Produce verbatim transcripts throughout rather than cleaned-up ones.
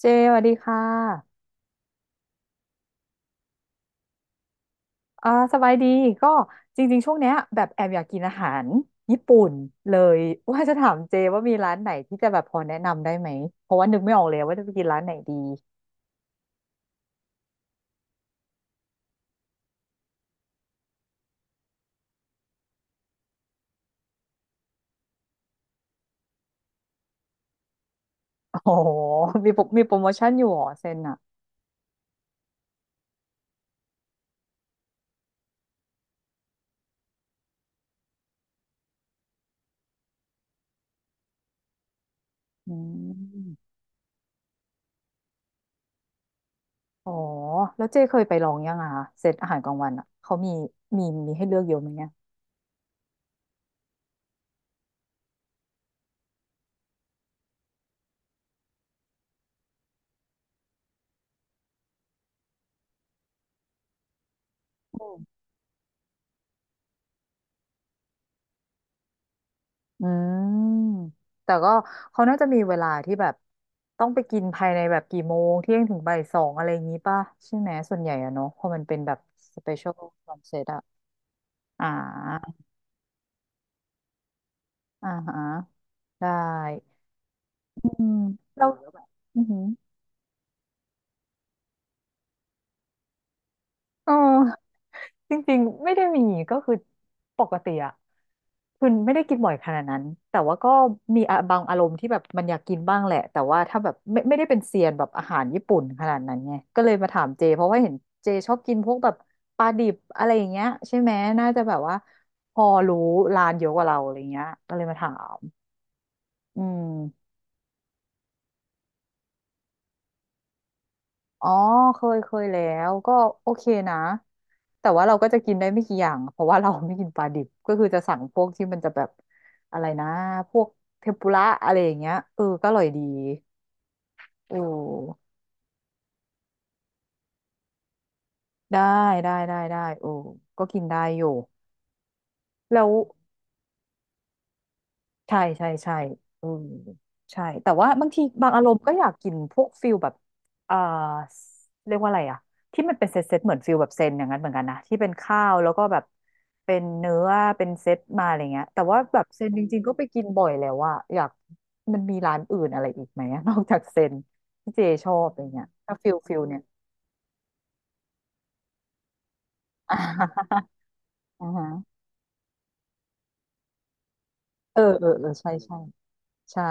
เจสวัสดีค่ะอ่าสบายดีก็จริงๆ ช่วงเนี้ยแบบแอบอยากกินอาหารญี่ปุ่นเลยว่าจะถามเจว่ามีร้านไหนที่จะแบบพอแนะนำได้ไหมเพราะว่านึกไม่ออกเลยว่าจะไปกินร้านไหนดีโอ๋อมีโปรมีโปรโมชั่นอยู่เหรอเซนอ่ะอืมอ๋อแล้วเจเคยไปลองยังอ่ะเซตอาหารกลางวันอ่ะเขามีมีมีให้เลือกเยอะไหมเนี่ย อืมแต่ก็เขาน่าจะมีเวลาที่แบบต้องไปกินภายในแบบกี่โมงเที่ยงถึงบ่ายสองอะไรอย่างนี้ป่ะใช่ไหมส่วนใหญ่อะเนาะเพราะมันเป็นแบบสเปเชียลคอนเซ็ปต์อะอ่าอ่าฮะได้อืมเราอือหืออ๋อจริงๆไม่ได้มีก็คือปกติอะ คือไม่ได้กินบ่อยขนาดนั้นแต่ว่าก็มีอะบางอารมณ์ที่แบบมันอยากกินบ้างแหละแต่ว่าถ้าแบบไม่ไม่ได้เป็นเซียนแบบอาหารญี่ปุ่นขนาดนั้นไงก็เลยมาถามเจเพราะว่าเห็นเจชอบกินพวกแบบปลาดิบอะไรอย่างเงี้ยใช่ไหมน่าจะแบบว่าพอรู้ร้านเยอะกว่าเราอะไรเงี้ยก็เลยมาถามอืมอ๋อเคยเคยแล้วก็โอเคนะแต่ว่าเราก็จะกินได้ไม่กี่อย่างเพราะว่าเราไม่กินปลาดิบก็คือจะสั่งพวกที่มันจะแบบอะไรนะพวกเทมปุระอะไรอย่างเงี้ยเออก็อร่อยดี โอ้ได้ได้ได้ได้โอ้ก็กินได้อยู่แล้วใช่ใช่ใช่อืมใช่แต่ว่าบางทีบางอารมณ์ก็อยากกินพวกฟิลแบบเอ่อเรียกว่าอะไรอะที่มันเป็นเซตเซตเหมือนฟิลแบบเซนอย่างนั้นเหมือนกันนะที่เป็นข้าวแล้วก็แบบเป็นเนื้อเป็นเซตมาอะไรเงี้ยแต่ว่าแบบเซนจริงๆก็ไปกินบ่อยแล้วว่าอะอยากมันมีร้านอื่นอะไรอีกไหมอะ นอกจากเซนที่เจชอบอะไรเงี้ยถ้าฟิลฟิลเนี่ย อ่าฮะเออเออเออใช่ใช่ ใช่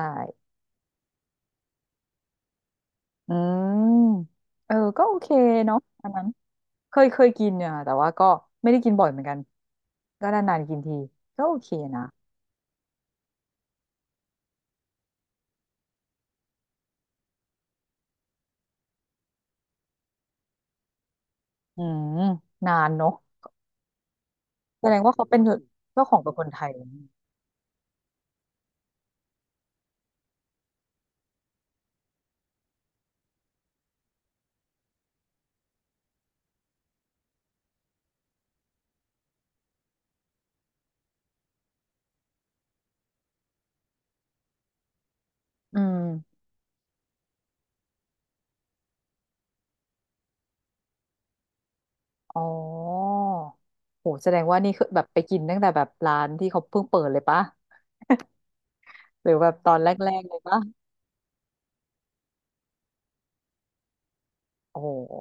อืมเออก็โอเคเนาะอันนั้นเคยเคยกินเนี่ยแต่ว่าก็ไม่ได้กินบ่อยเหมือนกันก็นานๆกินทีก็โอเคนะอืมนานเนาะแสดงว่าเขาเป็นเจ้าของเป็นคนไทยอืมอ๋อโหแสดงว่านี่คือแบบไปกินตั้งแต่แบบร้านที่เขาเพิ่งเปิดเลยปะหรือแบบตอนแรกๆเลยปะโอ้โห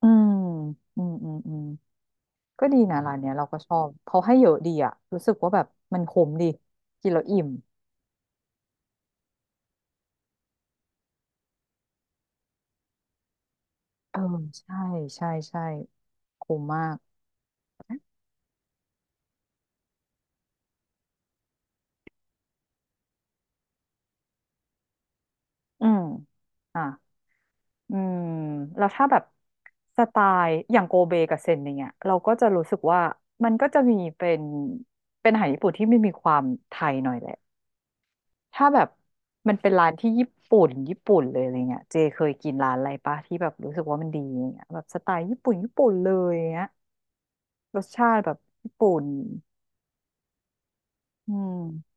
อืมอืมอืมอืม ก็ดีนะร้านเนี้ยเราก็ชอบเขาให้เยอะดีอะรู้สึกว่าแบบมันคุ้มดีกินแล้วอิ่มเออใช่ใช่ใช่คุ้มมากอืมอ่ะอืมแล้วถ้าแบบสไตล์อย่างโกเบกับเซนอย่างเงี้ยเราก็จะรู้สึกว่ามันก็จะมีเป็นเป็นอาหารญี่ปุ่นที่ไม่มีความไทยหน่อยแหละถ้าแบบมันเป็นร้านที่ญี่ปุ่นญี่ปุ่นเลยอะไรเงี้ยเจเคยกินร้านอะไรปะที่แบบรู้สึกว่ามันดีอย่างเงี้ยแบบสไตล์ญี่ปุ่นญี่ปุ่นเลยอย่างเงี้ยรสชาติแบบญี่ปุ่น อืม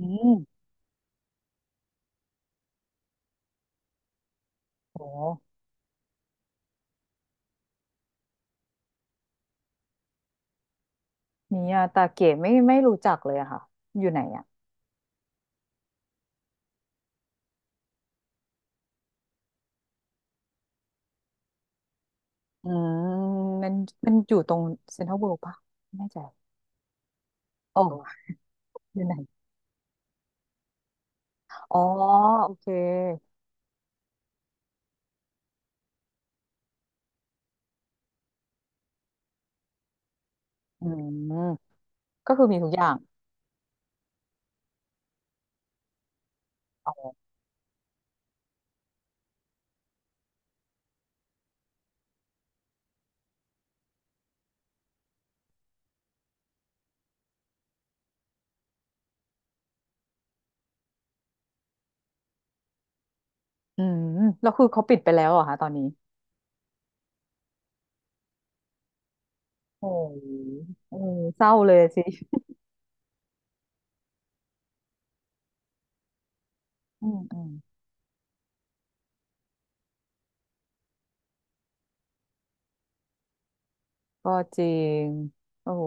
อืมโหมิยาตาเกะไม่ไม่รู้จักเลยอะค่ะ อยู่ไหนอะอืมมันมันอยู่ตรงเซ็นทรัลเวิลด์ปะไม่แน่ใจโอ้อยู่ไหน อ๋อ โอเคอืมก็คือมีทุกอย่าง อ๋ออืมแล้วคือเขาปิดไปแล้วเหรอคะตอนนี้โอ้โหเออเศร้าเลยสิอืมอืม ก็จริงโอ้โห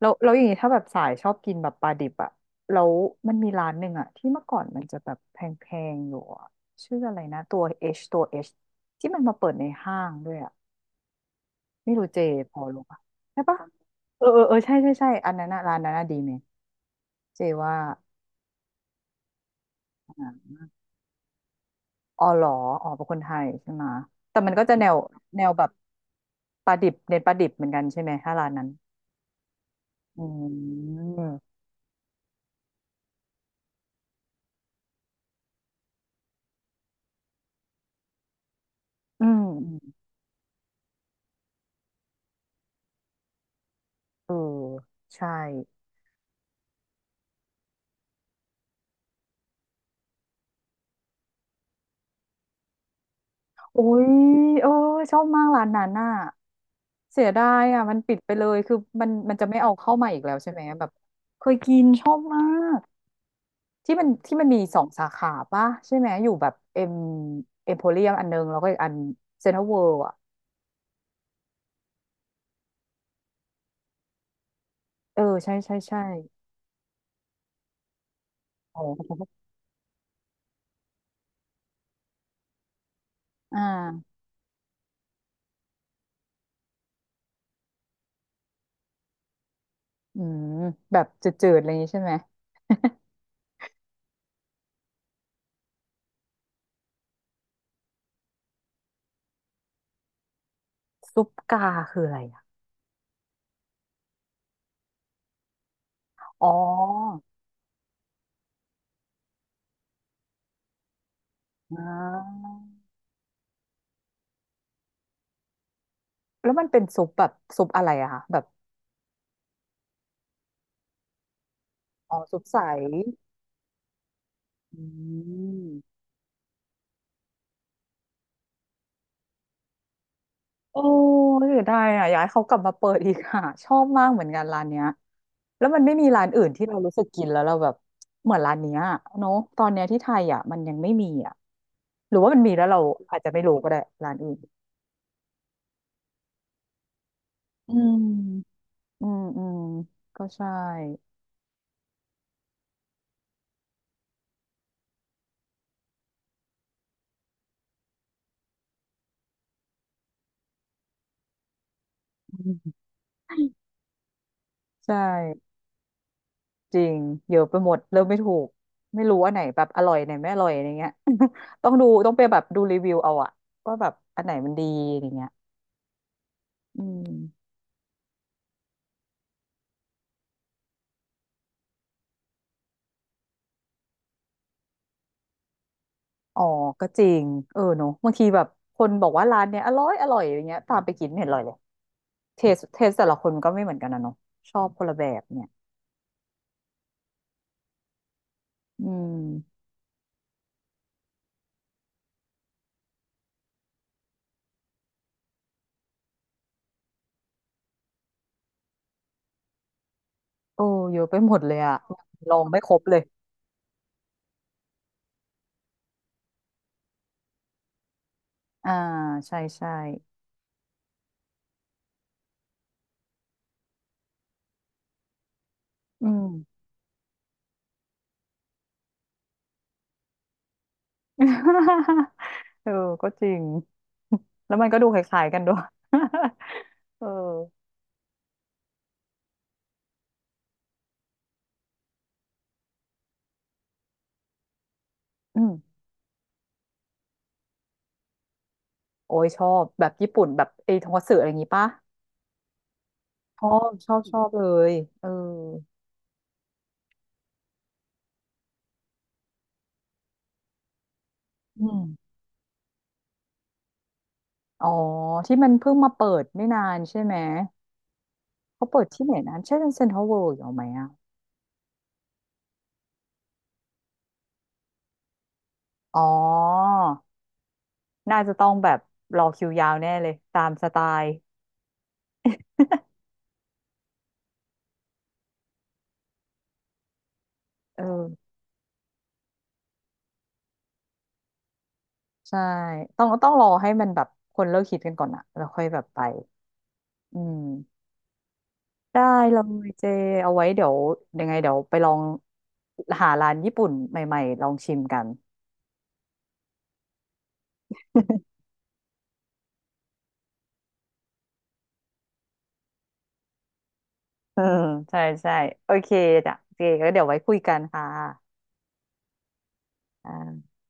แล้วแล้วอย่างนี้ถ้าแบบสายชอบกินแบบปลาดิบอะแล้วมันมีร้านหนึ่งอะที่เมื่อก่อนมันจะแบบแพงๆอยู่อะชื่ออะไรนะตัว H ตัว H ที่มันมาเปิดในห้างด้วยอะไม่รู้เจพอรู้ปะใช่ปะเออเออเออใช่ใช่ใช่อันนั้นอะร้านนั้นอะดีไหมเจว่าอ่าอ๋อเหรออ๋อเป็นคนไทยใช่ไหมะแต่มันก็จะแนวแนวแบบปลาดิบเน้นปลาดิบเหมือนกันใช่ไหมถ้าร้านนั้นอืมอืม เออใช่โอ้ยเออชอบมากร้านนั้นน่ะเสียดายอ่ะมันปิดไปเลยคือมันมันจะไม่เอาเข้ามาอีกแล้วใช่ไหมแบบเคยกินชอบมากที่มันที่มันมีสองสาขาป่ะใช่ไหมอยู่แบบเอ็มเอ็มโพเรียมอันนึงแล้วก็อีกอันเซ็นทรัลเวิลด์อ่ะเออใช่ใช่ใช่อ๋ออ่าอืมแบบจืดๆอะไรอย่างนี้ใช่ไหมซุปกาคืออะไรอะอ๋ออ่าแล้วมันเป็นซุปแบบซุปอะไรอะคะแบบ อ๋อสุดใสอืมโอ้ยเสียดายอ่ะอยากให้เขากลับมาเปิดอีกค่ะชอบมากเหมือนกันร้านเนี้ยแล้วมันไม่มีร้านอื่นที่เรารู้สึกกินแล้วเราแบบเหมือนร้านเนี้ยเนาะตอนเนี้ยที่ไทยอ่ะมันยังไม่มีอ่ะหรือว่ามันมีแล้วเราอาจจะไม่รู้ก็ได้ร้านอื่นอืมอืมอืมก็ใช่อืมใช่จริงเยอะไปหมดเริ่มไม่ถูกไม่รู้ว่าไหนแบบอร่อยไหนไม่อร่อยอะไรเงี้ย ต้องดูต้องไปแบบดูรีวิวเอาอะว่าแบบอันไหนมันดีอะไรเงี้ย อืมอ๋อ ก็จริงเออเนอะบางทีแบบคนบอกว่าร้านเนี้ยอร่อยอร่อยอย่างเงี้ยตามไปกินไม่เห็นอร่อยเลยเทสเทสแต่ละคนก็ไม่เหมือนกันนะเนอะชอบคนละแบบเนี่ยอืมโอ้เยอะไปหมดเลยอะลองไม่ครบเลยอ่าใช่ใช่อืม เออก็จริงแล้วมันก็ดูคล้ายๆกันด้วย เอออืมโอ้ยชอบแบบญี่ปุ่นแบบไอ้ทงคัตสึอะไรอย่างงี้ปะชอบชอบชอบเลยเอออืม อ๋อที่มันเพิ่งมาเปิดไม่นานใช่ไหมเขาเปิดที่ไหนนะใช่เซ็นทรัลเวิลด์อยู่ไหมอ่ะอ๋อน่าจะต้องแบบรอคิวยาวแน่เลยตามสไตล์เออใช่ต้องต้องรอให้มันแบบคนเลิกคิดกันก่อนอะแล้วค่อยแบบไปอืมได้เลยเจเอาไว้เดี๋ยวยังไงเดี๋ยวไปลองหาร้านญี่ปุ่นใหม่ๆลองชิมกัน เอืใช่ใช่โอเคจ้ะโอเคก็เดี๋ยวไว้คุยกันค่ะอ่า